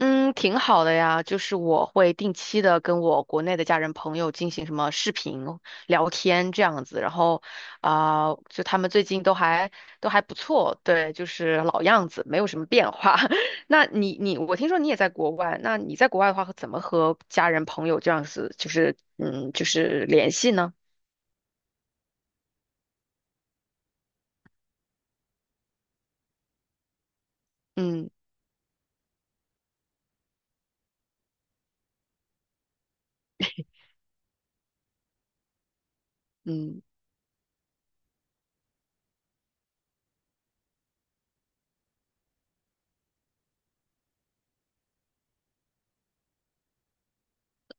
嗯，挺好的呀，就是我会定期的跟我国内的家人朋友进行什么视频聊天这样子，然后啊、就他们最近都还不错，对，就是老样子，没有什么变化。那你，我听说你也在国外，那你在国外的话，怎么和家人朋友这样子，就是联系呢？嗯。嗯。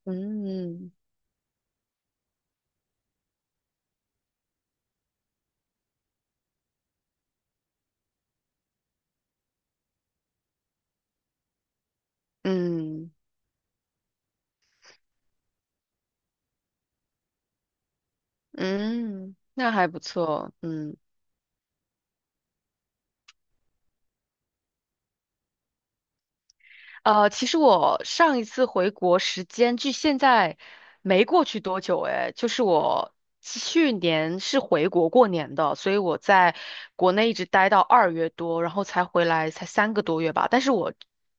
嗯。嗯。嗯，那还不错，嗯。其实我上一次回国时间距现在没过去多久，哎，就是我去年是回国过年的，所以我在国内一直待到2月多，然后才回来，才3个多月吧。但是我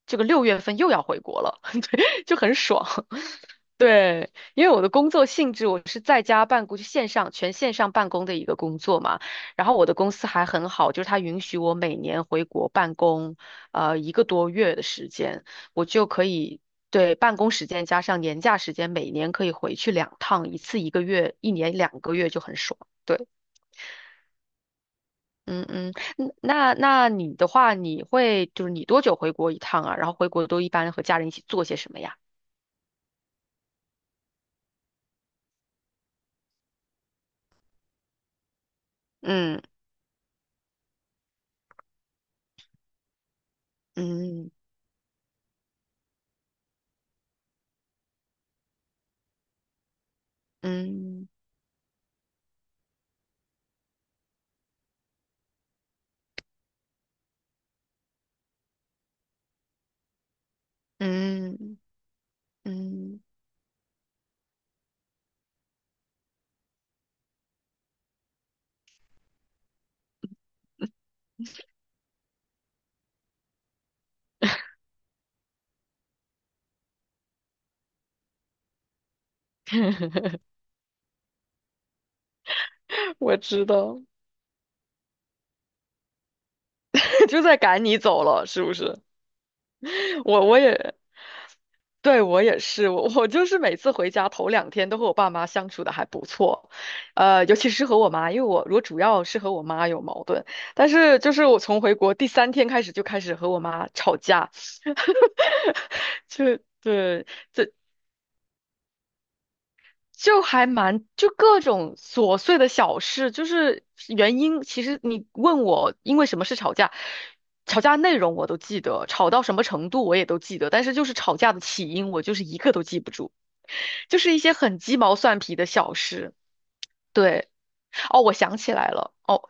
这个6月份又要回国了。对，就很爽。对，因为我的工作性质，我是在家办公，就全线上办公的一个工作嘛。然后我的公司还很好，就是它允许我每年回国办公，1个多月的时间。我就可以，对，办公时间加上年假时间，每年可以回去2趟，一次一个月，一年2个月就很爽。对。嗯嗯。那你的话，就是你多久回国一趟啊？然后回国都一般和家人一起做些什么呀？嗯。嗯。嗯。嗯。嗯。我知道。就在赶你走了，是不是？我我也对，我也是。我就是每次回家头两天都和我爸妈相处的还不错。尤其是和我妈，因为我主要是和我妈有矛盾，但是就是我从回国第3天开始就开始和我妈吵架。就对，这就还蛮，就各种琐碎的小事，就是原因。其实你问我因为什么事吵架，吵架内容我都记得，吵到什么程度我也都记得，但是就是吵架的起因，我就是一个都记不住，就是一些很鸡毛蒜皮的小事。对。哦，我想起来了。哦。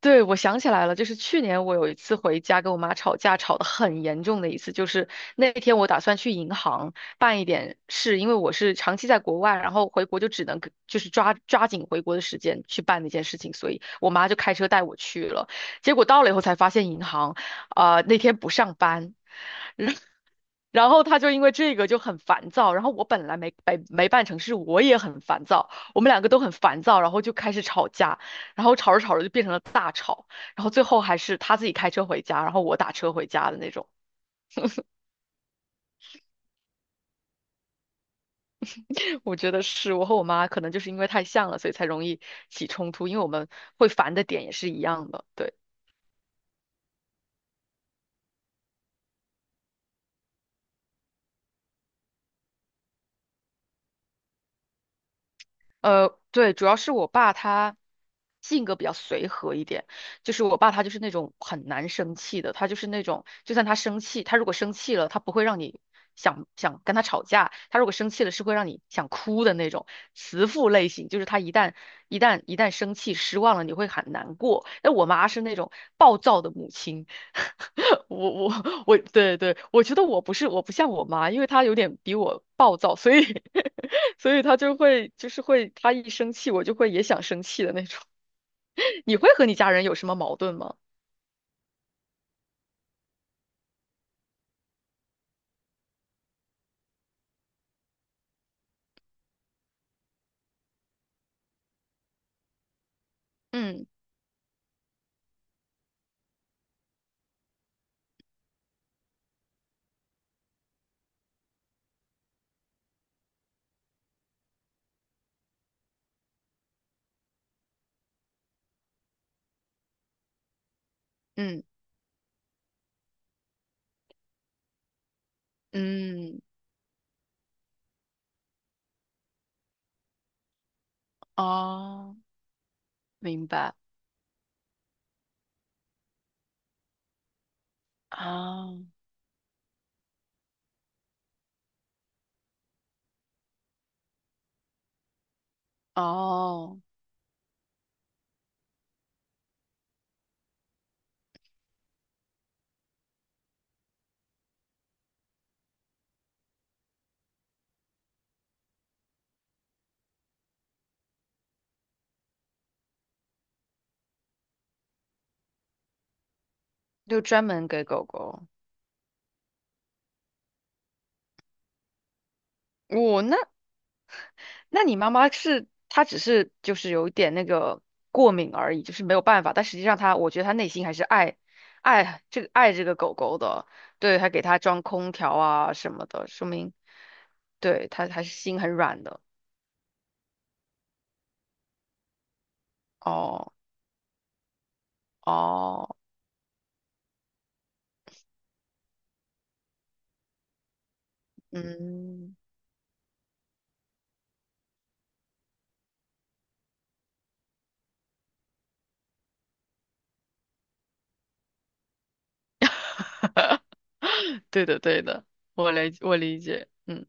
对，我想起来了，就是去年我有一次回家跟我妈吵架，吵得很严重的一次，就是那天我打算去银行办一点事，因为我是长期在国外，然后回国就只能就是抓紧回国的时间去办那件事情，所以我妈就开车带我去了。结果到了以后才发现银行啊、那天不上班，然后他就因为这个就很烦躁，然后我本来没办成事，我也很烦躁，我们两个都很烦躁，然后就开始吵架，然后吵着吵着就变成了大吵，然后最后还是他自己开车回家，然后我打车回家的那种。我觉得是我和我妈可能就是因为太像了，所以才容易起冲突，因为我们会烦的点也是一样的，对。对，主要是我爸他性格比较随和一点，就是我爸他就是那种很难生气的，他就是那种就算他生气，他如果生气了，他不会让你想跟他吵架，他如果生气了是会让你想哭的那种慈父类型，就是他一旦生气失望了，你会很难过。但我妈是那种暴躁的母亲。我我我，对对，我觉得我不像我妈，因为她有点比我暴躁，所以 所以她就会，她一生气我就会也想生气的那种。你会和你家人有什么矛盾吗？嗯。嗯。嗯。哦，明白啊。哦，就专门给狗狗。我那那你妈妈是，她只是就是有一点那个过敏而已，就是没有办法。但实际上她，我觉得她内心还是爱这个狗狗的，对，还给它装空调啊什么的，说明，对，她还是心很软的。哦。哦。嗯。对的对的，我理解，嗯。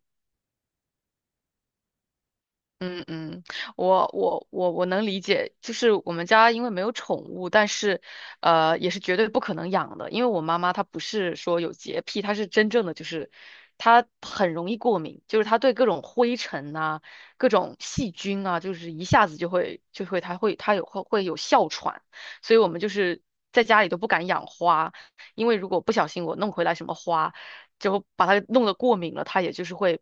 嗯嗯，我能理解，就是我们家因为没有宠物，但是，也是绝对不可能养的，因为我妈妈她不是说有洁癖，她是真正的就是她很容易过敏，就是她对各种灰尘啊、各种细菌啊，就是一下子就会有哮喘，所以我们就是在家里都不敢养花，因为如果不小心我弄回来什么花，就把它弄得过敏了，它也就是会。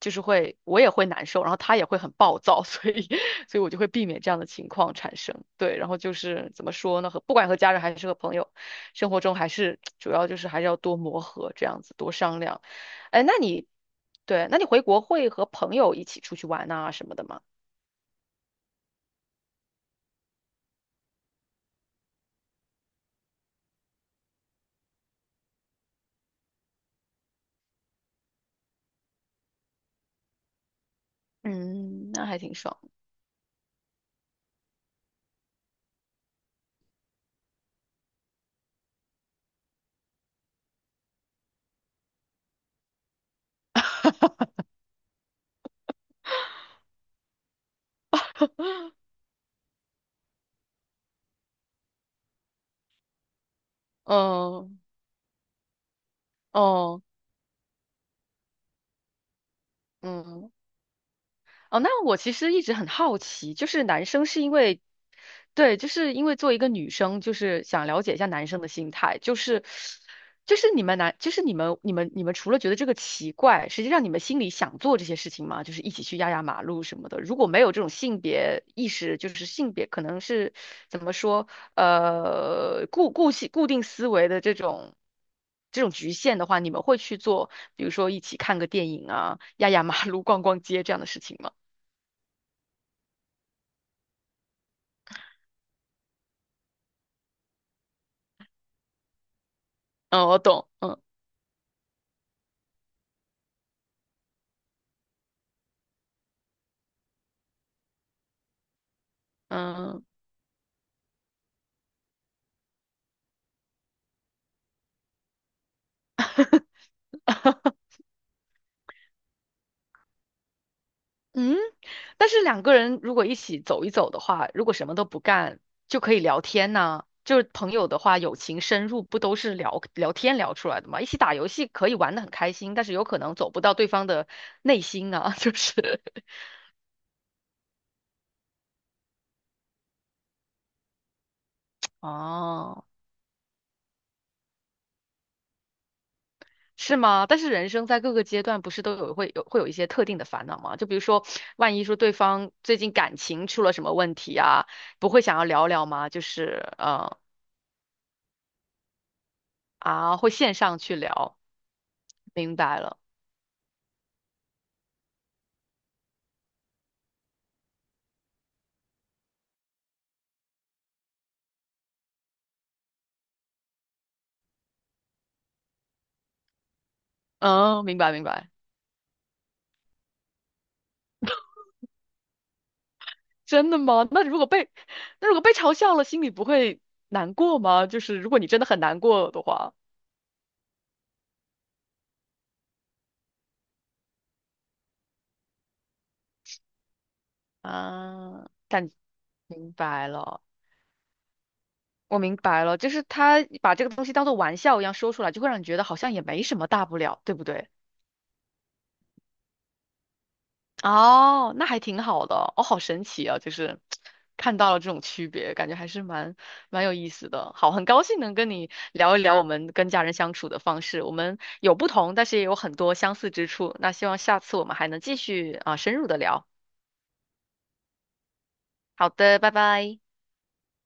就是会我也会难受，然后他也会很暴躁，所以 所以我就会避免这样的情况产生。对，然后就是怎么说呢，和不管和家人还是和朋友，生活中还是主要就是还是要多磨合，这样子多商量。哎，对，那你回国会和朋友一起出去玩啊什么的吗？嗯，那还挺爽。嗯。哦。嗯。哦，那我其实一直很好奇，就是男生是因为，对，就是因为作为一个女生，就是想了解一下男生的心态，就是，就是你们男，就是你们除了觉得这个奇怪，实际上你们心里想做这些事情吗？就是一起去压压马路什么的。如果没有这种性别意识，就是性别可能是怎么说，固定思维的这种。这种局限的话，你们会去做，比如说一起看个电影啊，压压马路、逛逛街这样的事情吗？嗯，我懂，嗯。嗯。 嗯，但是2个人如果一起走一走的话，如果什么都不干，就可以聊天呐、就是朋友的话，友情深入不都是聊聊天聊出来的吗？一起打游戏可以玩得很开心，但是有可能走不到对方的内心啊，就是 哦。是吗？但是人生在各个阶段不是都有会有会有一些特定的烦恼吗？就比如说，万一说对方最近感情出了什么问题啊，不会想要聊聊吗？就是会线上去聊，明白了，嗯，明白明白。真的吗？那如果被嘲笑了，心里不会难过吗？就是如果你真的很难过的话。啊，明白了，我明白了，就是他把这个东西当做玩笑一样说出来，就会让你觉得好像也没什么大不了，对不对？哦，那还挺好的，哦，好神奇啊！就是看到了这种区别，感觉还是蛮有意思的。好，很高兴能跟你聊一聊我们跟家人相处的方式，我们有不同，但是也有很多相似之处。那希望下次我们还能继续啊，深入的聊。好的，拜拜。